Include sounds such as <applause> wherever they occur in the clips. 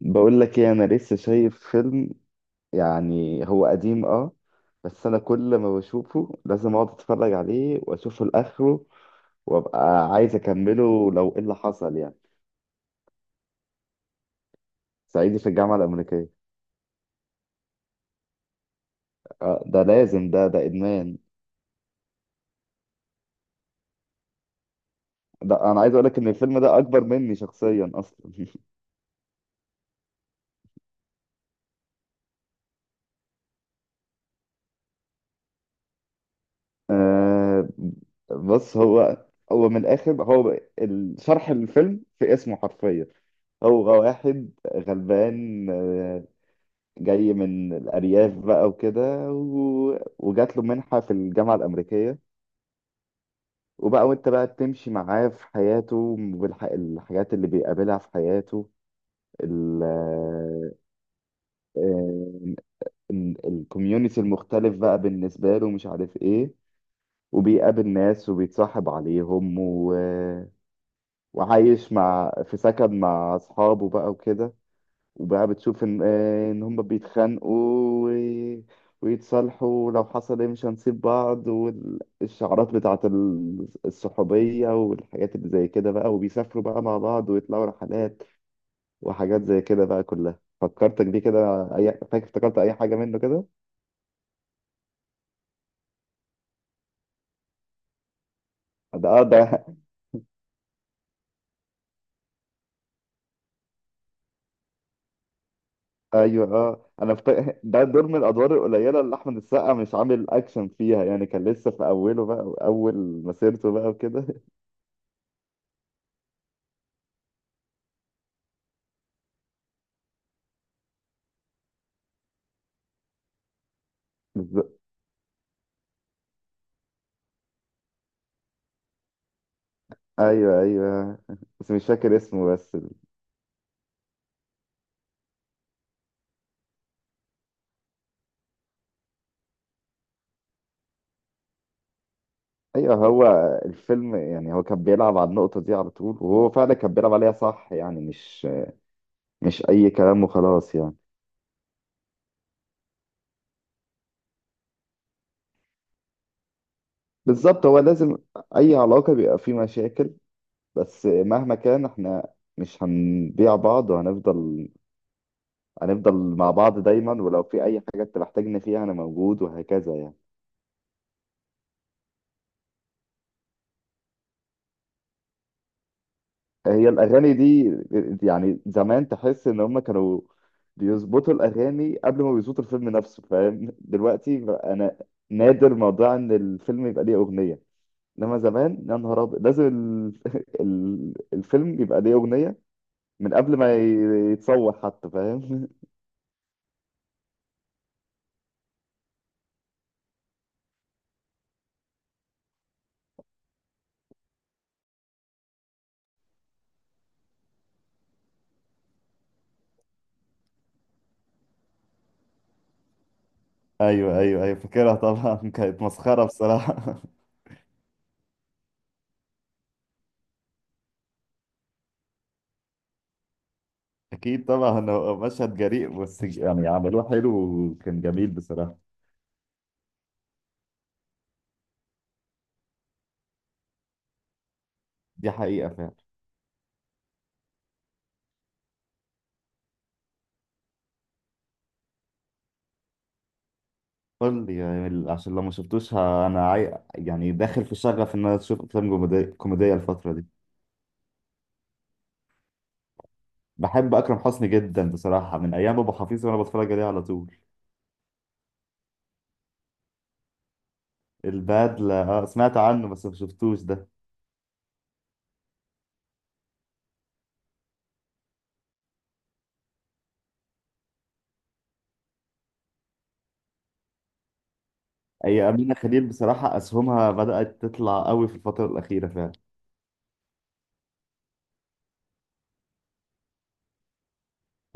بقول لك ايه، انا لسه شايف فيلم. يعني هو قديم، اه. بس انا كل ما بشوفه لازم اقعد اتفرج عليه واشوفه لاخره، وابقى عايز اكمله لو ايه اللي حصل يعني. صعيدي في الجامعه الامريكيه. آه، ده لازم، ده ادمان. ده انا عايز اقول لك ان الفيلم ده اكبر مني شخصيا اصلا. <laughs> آه بص، هو من الاخر، هو شرح الفيلم في اسمه حرفيا. هو واحد غلبان، جاي من الأرياف بقى وكده، وجات له منحة في الجامعة الأمريكية، وبقى وأنت بقى تمشي معاه في حياته والحاجات اللي بيقابلها في حياته، ال الكوميونتي المختلف بقى بالنسبة له مش عارف إيه. وبيقابل ناس وبيتصاحب عليهم، وعايش مع في سكن مع أصحابه بقى وكده. وبقى بتشوف ان، ان هم بيتخانقوا و- ويتصالحوا، ولو حصل ايه مش هنسيب بعض، والشعارات بتاعت الصحوبية والحاجات اللي زي كده بقى، وبيسافروا بقى مع بعض ويطلعوا رحلات وحاجات زي كده بقى، كلها فكرتك بيه كده. اي فاكر، افتكرت اي حاجة منه كده. ده. <laughs> ايوه، اه، <laughs> ده دور من الادوار القليلة اللي احمد السقا مش عامل اكشن فيها، يعني كان لسه في اوله بقى، اول مسيرته بقى وكده. <laughs> بالظبط. ايوه، ايوه، بس مش فاكر اسمه، ايوه، هو الفيلم، يعني هو كان بيلعب على النقطة دي على طول، وهو فعلا كان بيلعب عليها صح، يعني مش اي كلام وخلاص يعني. بالظبط، هو لازم اي علاقة بيبقى فيه مشاكل، بس مهما كان احنا مش هنبيع بعض، وهنفضل هنفضل مع بعض دايما، ولو في اي حاجة انت محتاجني فيها انا موجود، وهكذا يعني. هي الأغاني دي يعني زمان، تحس إن هم كانوا بيظبطوا الأغاني قبل ما بيظبطوا الفيلم نفسه، فاهم؟ دلوقتي بقى أنا نادر موضوع إن الفيلم يبقى ليه أغنية، إنما زمان يا نهار أبيض لازم <laughs> الفيلم يبقى ليه أغنية من قبل ما <laughs> يتصور حتى، فاهم؟ <laughs> ايوه، ايوه، ايوه، فاكرها طبعا. <laughs> كانت مسخره بصراحه. <laughs> اكيد طبعا، هو مشهد جريء بس يعني عملوه حلو، وكان جميل بصراحه. دي حقيقه فعلا. قول لي يعني، عشان لو ما شفتوش انا يعني داخل في شغف ان انا اشوف افلام كوميديه الفتره دي. بحب اكرم حسني جدا بصراحه، من ايام ابو حفيظ وانا بتفرج عليه على طول. البدله، اه سمعت عنه بس ما شفتوش ده. اي، امينه خليل بصراحه اسهمها بدات تطلع قوي في الفتره الاخيره فعلا.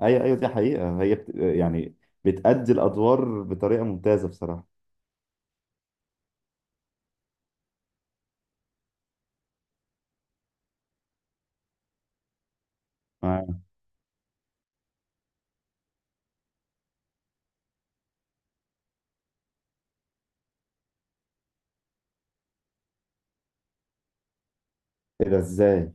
ايوه، ايوه، دي حقيقه. هي يعني بتأدي الادوار بطريقه ممتازه بصراحه. آه. ايه ده، ازاي؟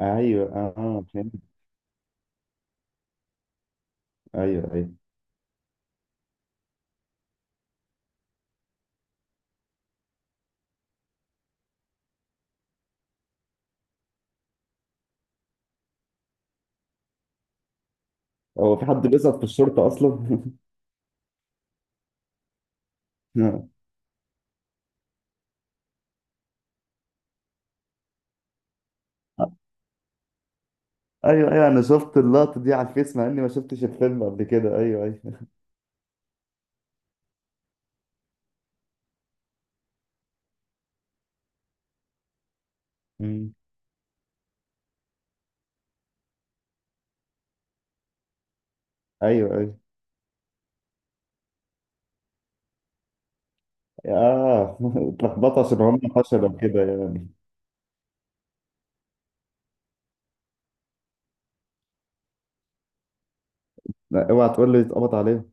ايوه، اه، فهمت. ايوه، ايوه. هو في حد بيظبط في الشرطه اصلا؟ <laughs> ايوه، ايوه، انا شفت اللقطه دي على الفيس مع اني ما شفتش الفيلم قبل كده، ايوه، ايوه. مم. ايوه، ايوه. اه. <laughs> اتلخبطوا عشان هم فشلوا كده يعني. لا، اوعى تقول لي اتقبض عليهم.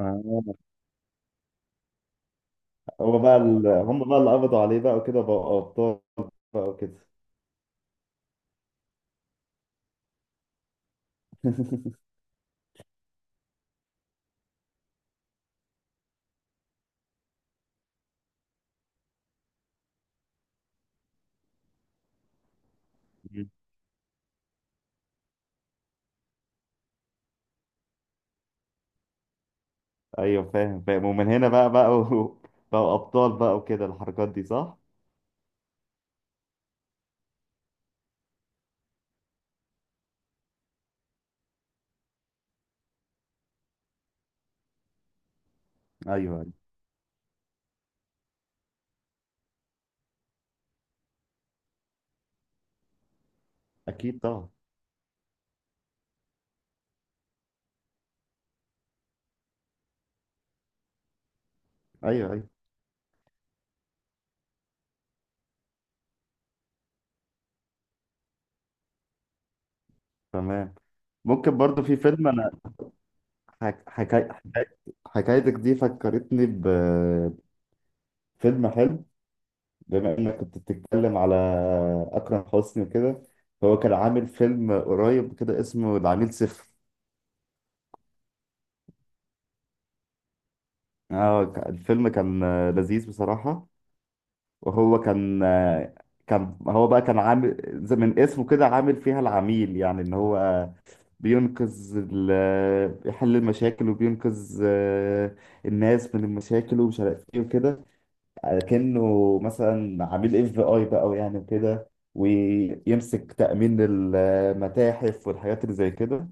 آه. هم بقى اللي قبضوا عليه بقى وكده، بقى ابطال بقى وكده. <laughs> مم. ايوه، فاهم، فاهم، ومن هنا بقى بقى ابطال بقى وكده الحركات دي، صح. ايوه، ايوه. اكيد طبعا. ايوه، ايوه. تمام. ممكن برضو في فيلم، انا حك... حكاية حكايتك دي فكرتني فيلم حلو. بما انك كنت بتتكلم على اكرم حسني وكده، فهو كان عامل فيلم قريب كده اسمه العميل صفر. اه، الفيلم كان، لذيذ بصراحة. وهو كان، كان هو بقى كان عامل زي من اسمه كده، عامل فيها العميل، يعني ان هو بينقذ بيحل المشاكل وبينقذ، الناس من المشاكل ومش عارف ايه وكده، كأنه مثلا عميل اف بي اي بقى يعني وكده، ويمسك تأمين المتاحف والحاجات اللي زي كده.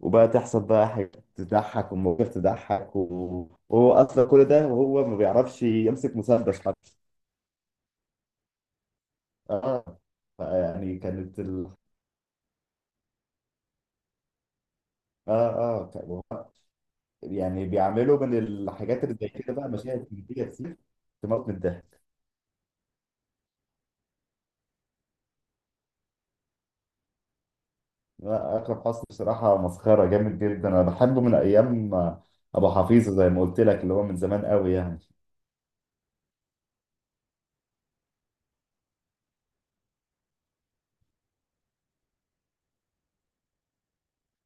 وبقى تحصل بقى حاجات تضحك ومواقف تضحك، وهو اصلا كل ده وهو ما بيعرفش يمسك مسدس حتى. اه. يعني كانت ال... اه اه ك- يعني بيعملوا من الحاجات اللي زي كده بقى مشاهد كوميدية كتير، تموت من الضحك. لا، اكرم حسني بصراحه مسخره جامد جدا، انا بحبه من ايام ابو حفيظه زي ما قلت لك، اللي هو من زمان قوي يعني.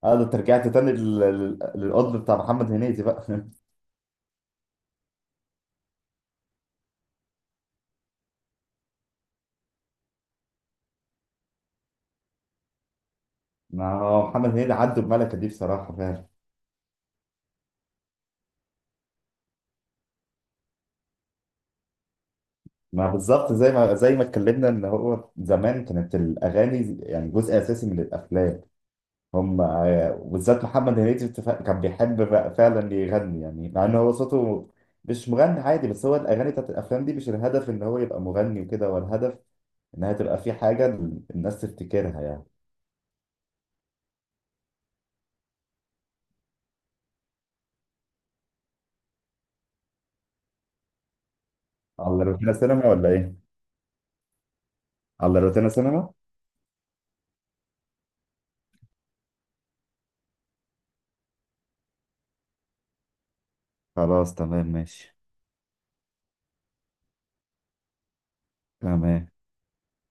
اه، ده انت رجعت تاني للقطب بتاع محمد هنيدي بقى. <laughs> ما هو محمد هنيدي عدى الملكه دي بصراحه فعلا. ما بالظبط، زي ما اتكلمنا ان هو زمان كانت الاغاني يعني جزء اساسي من الافلام. هم، وبالذات محمد هنيدي كان بيحب بقى فعلا يغني، يعني مع ان هو صوته مش مغني عادي، بس هو الاغاني بتاعت الافلام دي مش الهدف ان هو يبقى مغني وكده، هو الهدف انها تبقى في حاجه الناس تفتكرها يعني. على روتانا سينما ولا ايه؟ على روتانا سينما. خلاص، تمام، ماشي. تمام.